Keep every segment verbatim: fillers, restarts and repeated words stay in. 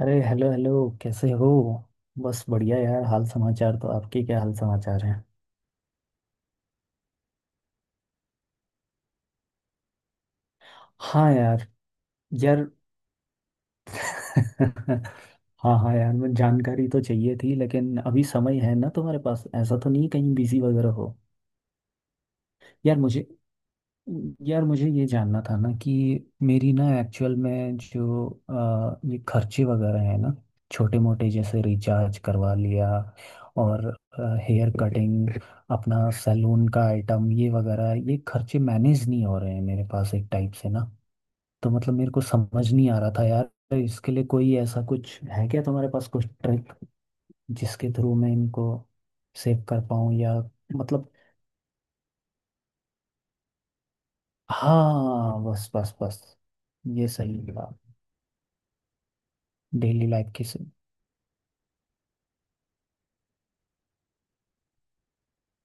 अरे hello hello. कैसे हो? बस बढ़िया यार। हाल समाचार तो, आपके क्या हाल समाचार हैं? हाँ यार। यार। हाँ हाँ यार, मैं जानकारी तो चाहिए थी लेकिन अभी समय है ना तुम्हारे पास? ऐसा तो नहीं कहीं बिजी वगैरह हो? यार मुझे यार मुझे ये जानना था ना कि मेरी ना एक्चुअल में जो अ, ये खर्चे वगैरह हैं ना, छोटे मोटे जैसे रिचार्ज करवा लिया और हेयर कटिंग, अपना सैलून का आइटम ये वगैरह, ये खर्चे मैनेज नहीं हो रहे हैं मेरे पास एक टाइप से ना। तो मतलब मेरे को समझ नहीं आ रहा था यार, इसके लिए कोई ऐसा कुछ है क्या तुम्हारे पास? कुछ ट्रिक जिसके थ्रू मैं इनको सेव कर पाऊँ या? मतलब हाँ, बस बस बस, ये सही है। डेली लाइफ की से।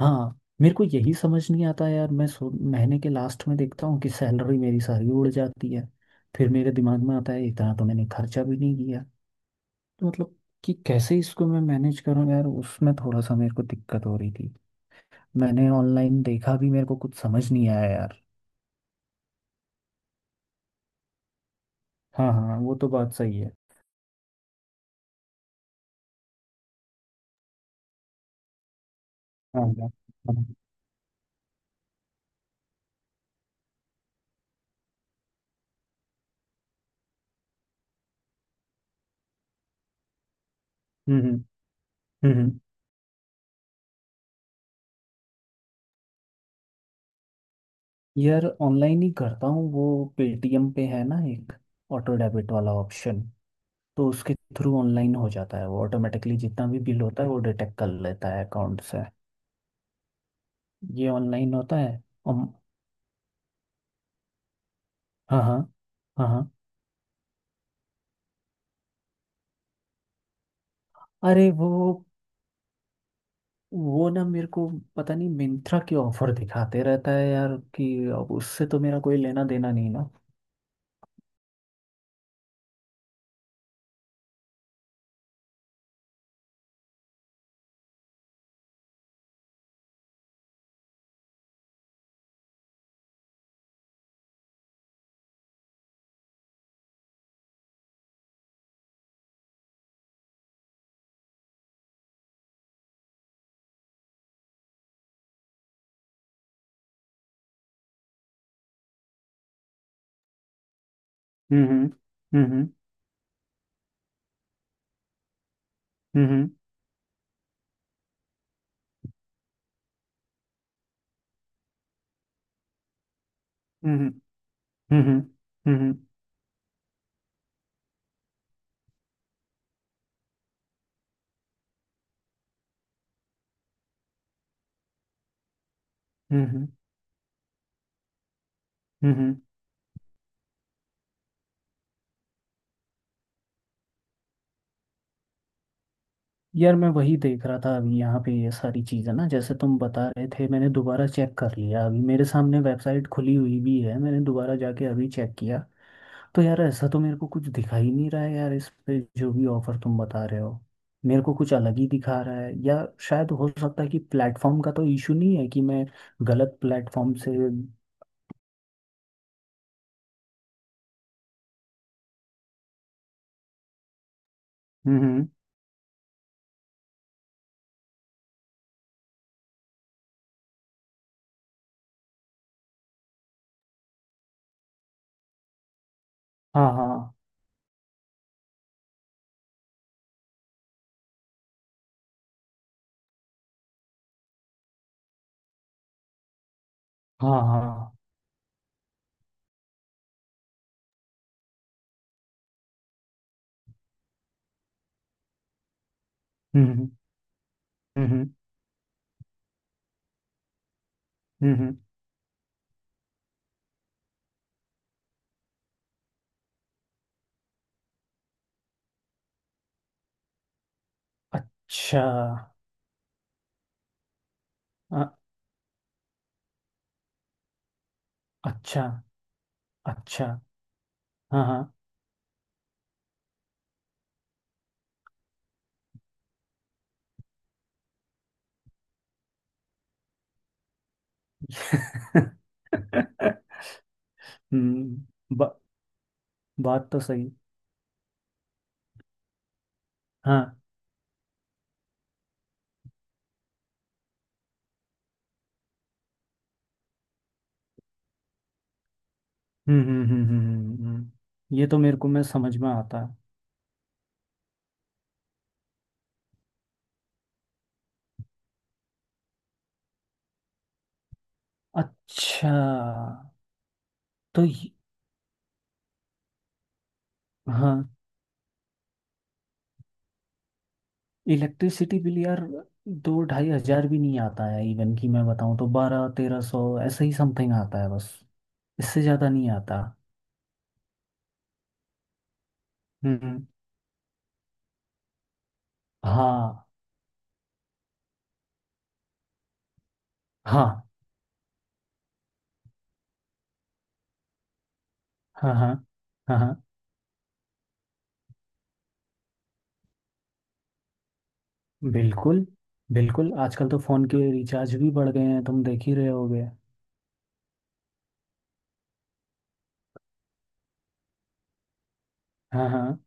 हाँ, मेरे को यही समझ नहीं आता यार। मैं सो महीने के लास्ट में देखता हूँ कि सैलरी मेरी सारी उड़ जाती है। फिर मेरे दिमाग में आता है, इतना तो मैंने खर्चा भी नहीं किया। तो मतलब कि कैसे इसको मैं मैनेज करूँ यार, उसमें थोड़ा सा मेरे को दिक्कत हो रही थी। मैंने ऑनलाइन देखा भी, मेरे को कुछ समझ नहीं आया यार। हाँ हाँ, वो तो बात सही है। हाँ हाँ, हाँ। हम्म हम्म हम्म। यार ऑनलाइन ही करता हूँ वो। पेटीएम पे है ना एक ऑटो डेबिट वाला ऑप्शन, तो उसके थ्रू ऑनलाइन हो जाता है वो ऑटोमेटिकली। जितना भी बिल होता है वो डिटेक्ट कर लेता है अकाउंट से। ये ऑनलाइन होता है। अम, हाँ हाँ। हाँ हाँ। अरे वो वो ना मेरे को पता नहीं, मिंत्रा के ऑफर दिखाते रहता है यार। कि अब उससे तो मेरा कोई लेना देना नहीं ना। हम्म हम्म हम्म हम्म हम्म हम्म हम्म हम्म हम्म हम्म हम्म, हम्म। यार मैं वही देख रहा था अभी। यहाँ पे ये सारी चीज़ें ना, जैसे तुम बता रहे थे, मैंने दोबारा चेक कर लिया। अभी मेरे सामने वेबसाइट खुली हुई भी है, मैंने दोबारा जाके अभी चेक किया। तो यार ऐसा तो मेरे को कुछ दिखा ही नहीं रहा है यार, इस पे जो भी ऑफर तुम बता रहे हो। मेरे को कुछ अलग ही दिखा रहा है। या शायद हो सकता है कि प्लेटफॉर्म का तो इशू नहीं है, कि मैं गलत प्लेटफॉर्म से। हम्म। हम्म, हाँ हाँ। हाँ हाँ। हम्म हम्म हम्म हम्म हम्म। अच्छा। अ- अच्छा अच्छा। हाँ हाँ। हम्म। बा, बात तो सही। हाँ। हम्म हम्म हम्म हम्म हम्म, हम्म। हम्म। ये तो मेरे को मैं समझ में आता है। अच्छा, तो ये- हाँ। इलेक्ट्रिसिटी बिल यार, दो ढाई हजार भी नहीं आता है। इवन कि मैं बताऊं तो बारह तेरह सौ ऐसे ही समथिंग आता है बस, इससे ज़्यादा नहीं आता। हम्म। हाँ हाँ हाँ हाँ। हाँ हाँ। बिल्कुल। बिल्कुल आजकल तो फ़ोन के रिचार्ज भी बढ़ गए हैं, तुम देख ही रहे होगे। हाँ हाँ।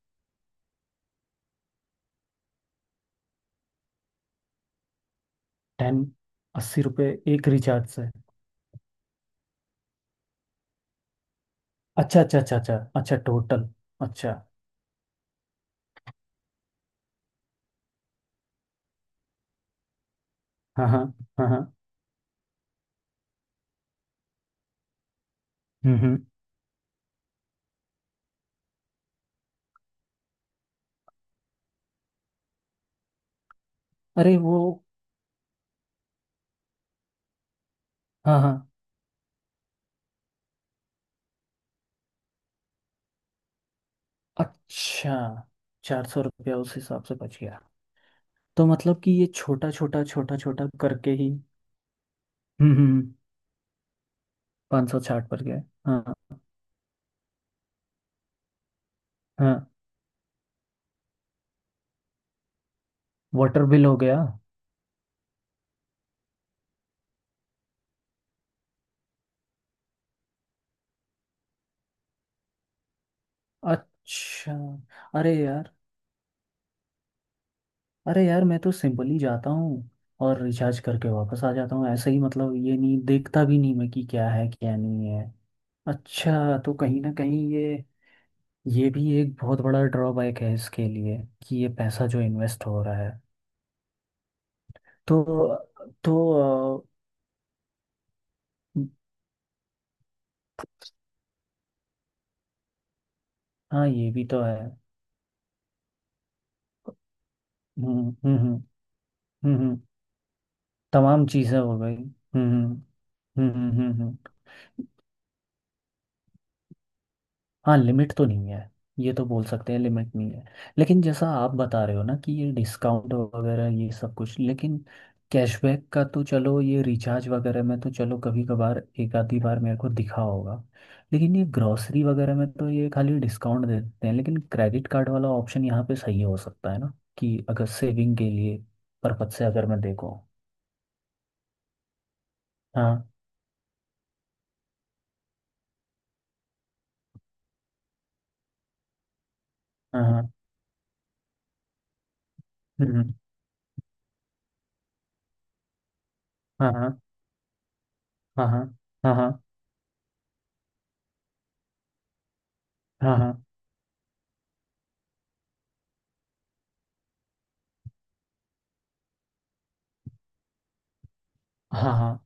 टेन। अस्सी रुपये, एक रिचार्ज से? अच्छा अच्छा अच्छा अच्छा अच्छा, टोटल। अच्छा। हाँ हाँ हाँ हाँ। हम्म हम्म। अरे वो। हाँ हाँ। अच्छा, चार सौ रुपया उस हिसाब से बच गया। तो मतलब कि ये छोटा छोटा छोटा छोटा करके ही। हम्म हम्म हम्म, पाँच सौ छाट पर गया हाँ। हाँ, वाटर बिल हो गया। अच्छा। अरे यार, अरे यार, मैं तो सिंपली जाता हूँ और रिचार्ज करके वापस आ जाता हूँ ऐसे ही। मतलब ये नहीं देखता भी नहीं मैं कि क्या है क्या नहीं है। अच्छा, तो कहीं ना कहीं ये ये भी एक बहुत बड़ा ड्रॉबैक है इसके लिए, कि ये पैसा जो इन्वेस्ट हो रहा है तो तो अ, हाँ ये भी तो है। हम्म हम्म हम्म हम्म, हम्म, तमाम चीज़ें हो गई। हम्म हम्म हम्म हम्म हम्म हम्म। हाँ लिमिट तो नहीं है। ये तो बोल सकते हैं लिमिट नहीं है। लेकिन जैसा आप बता रहे हो ना कि ये डिस्काउंट वगैरह ये सब कुछ, लेकिन कैशबैक का तो चलो, ये रिचार्ज वगैरह में तो चलो कभी कभार एक आधी बार मेरे को दिखा होगा। लेकिन ये ग्रॉसरी वगैरह में तो ये खाली डिस्काउंट दे देते हैं, लेकिन क्रेडिट कार्ड वाला ऑप्शन यहाँ पे सही हो सकता है ना, कि अगर सेविंग के लिए पर्पज से अगर मैं देखूँ। हाँ हाँ हाँ। हम्म, हाँ हाँ हाँ हाँ हाँ हाँ हाँ हाँ हाँ हाँ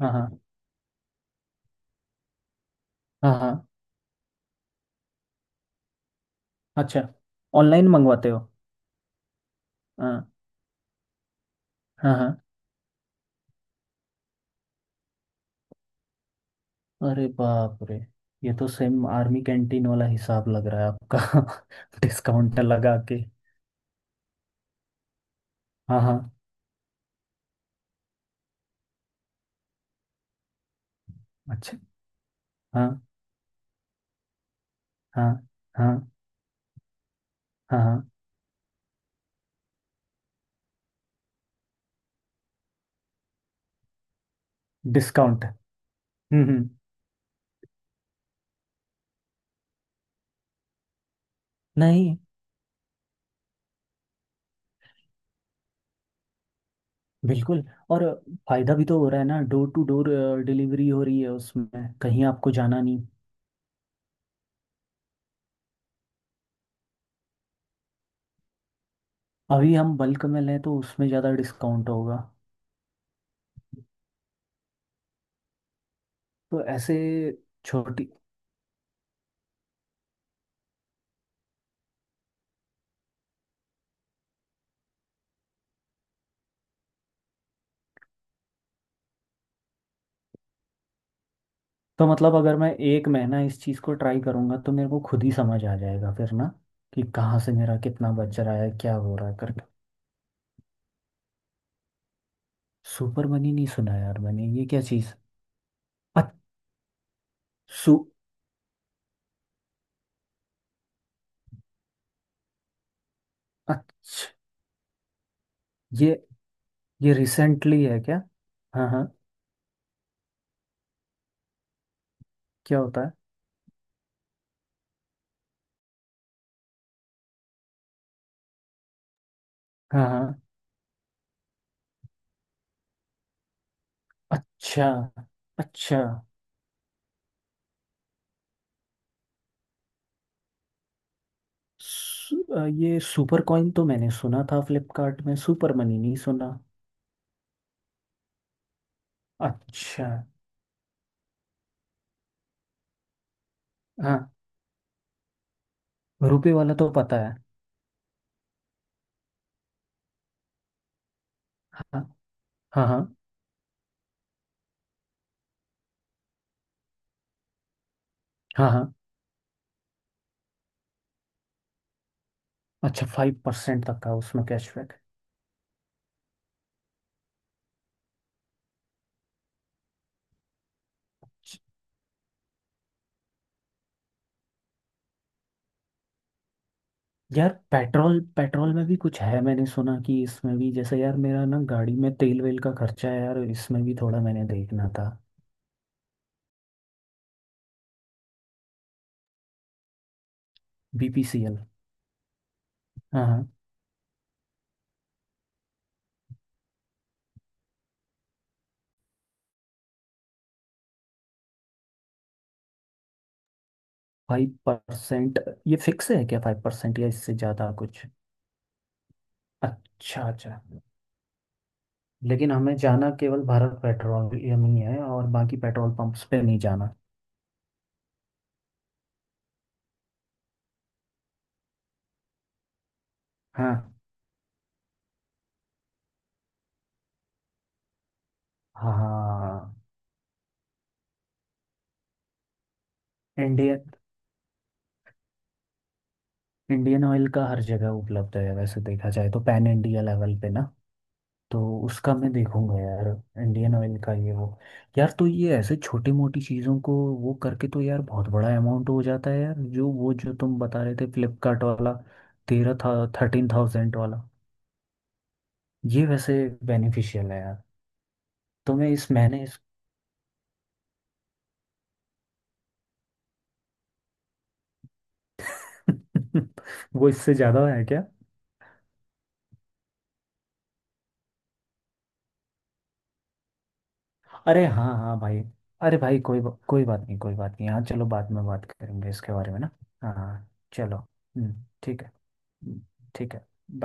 हाँ हाँ हाँ हाँ। अच्छा, ऑनलाइन मंगवाते हो? हाँ हाँ हाँ। अरे बाप रे, ये तो सेम आर्मी कैंटीन वाला हिसाब लग रहा है आपका। डिस्काउंट लगा के। हाँ हाँ। अच्छा। हाँ हाँ। हाँ हाँ। हाँ डिस्काउंट। हम्म हम्म, नहीं बिल्कुल। और फायदा भी तो हो रहा है ना, डोर टू डोर डिलीवरी हो रही है उसमें, कहीं आपको जाना नहीं। अभी हम बल्क में लें तो उसमें ज़्यादा डिस्काउंट होगा। तो ऐसे छोटी। तो मतलब अगर मैं एक महीना इस चीज़ को ट्राई करूंगा तो मेरे को खुद ही समझ आ जाएगा फिर ना, कि कहाँ से मेरा कितना बच रहा है क्या हो रहा है करके। सुपर मनी नहीं सुना यार मैंने, ये क्या चीज़? सु। अच्छा, ये ये रिसेंटली है क्या? हाँ हाँ। क्या होता है? हाँ हाँ। अच्छा अच्छा। सु, अ, ये सुपर कॉइन तो मैंने सुना था फ्लिपकार्ट में, सुपर मनी नहीं सुना। अच्छा। हाँ, रुपए वाला तो पता है। हाँ हाँ हाँ। हाँ हाँ हाँ। अच्छा, फाइव परसेंट तक का उसमें कैशबैक? यार पेट्रोल, पेट्रोल में भी कुछ है? मैंने सुना कि इसमें भी, जैसे यार मेरा ना गाड़ी में तेल वेल का खर्चा है यार, इसमें भी थोड़ा मैंने देखना था। B P C L. हाँ हाँ। Five percent. ये फिक्स है क्या फाइव परसेंट, या इससे ज़्यादा कुछ? अच्छा अच्छा। लेकिन हमें जाना केवल भारत पेट्रोलियम ही है और बाकी पेट्रोल पंप्स पे नहीं जाना? हाँ हाँ। इंडियन इंडियन ऑयल का हर जगह उपलब्ध है वैसे देखा जाए तो, पैन इंडिया लेवल पे ना। तो उसका मैं देखूंगा यार, इंडियन ऑयल का ये वो। यार तो ये ऐसे छोटी मोटी चीज़ों को वो करके तो यार बहुत बड़ा अमाउंट हो जाता है यार, जो वो जो तुम बता रहे थे फ्लिपकार्ट वाला। तेरह था, थर्टीन थाउजेंड वाला। ये वैसे बेनिफिशियल है यार। तो मैं इस महीने इस वो इससे ज़्यादा है क्या? अरे हाँ हाँ भाई। अरे भाई, कोई बा- कोई बात नहीं, कोई बात नहीं, हाँ चलो बाद में बात करेंगे इसके बारे में ना। हाँ हाँ, चलो। हम्म, ठीक है। हम्म, ठीक है।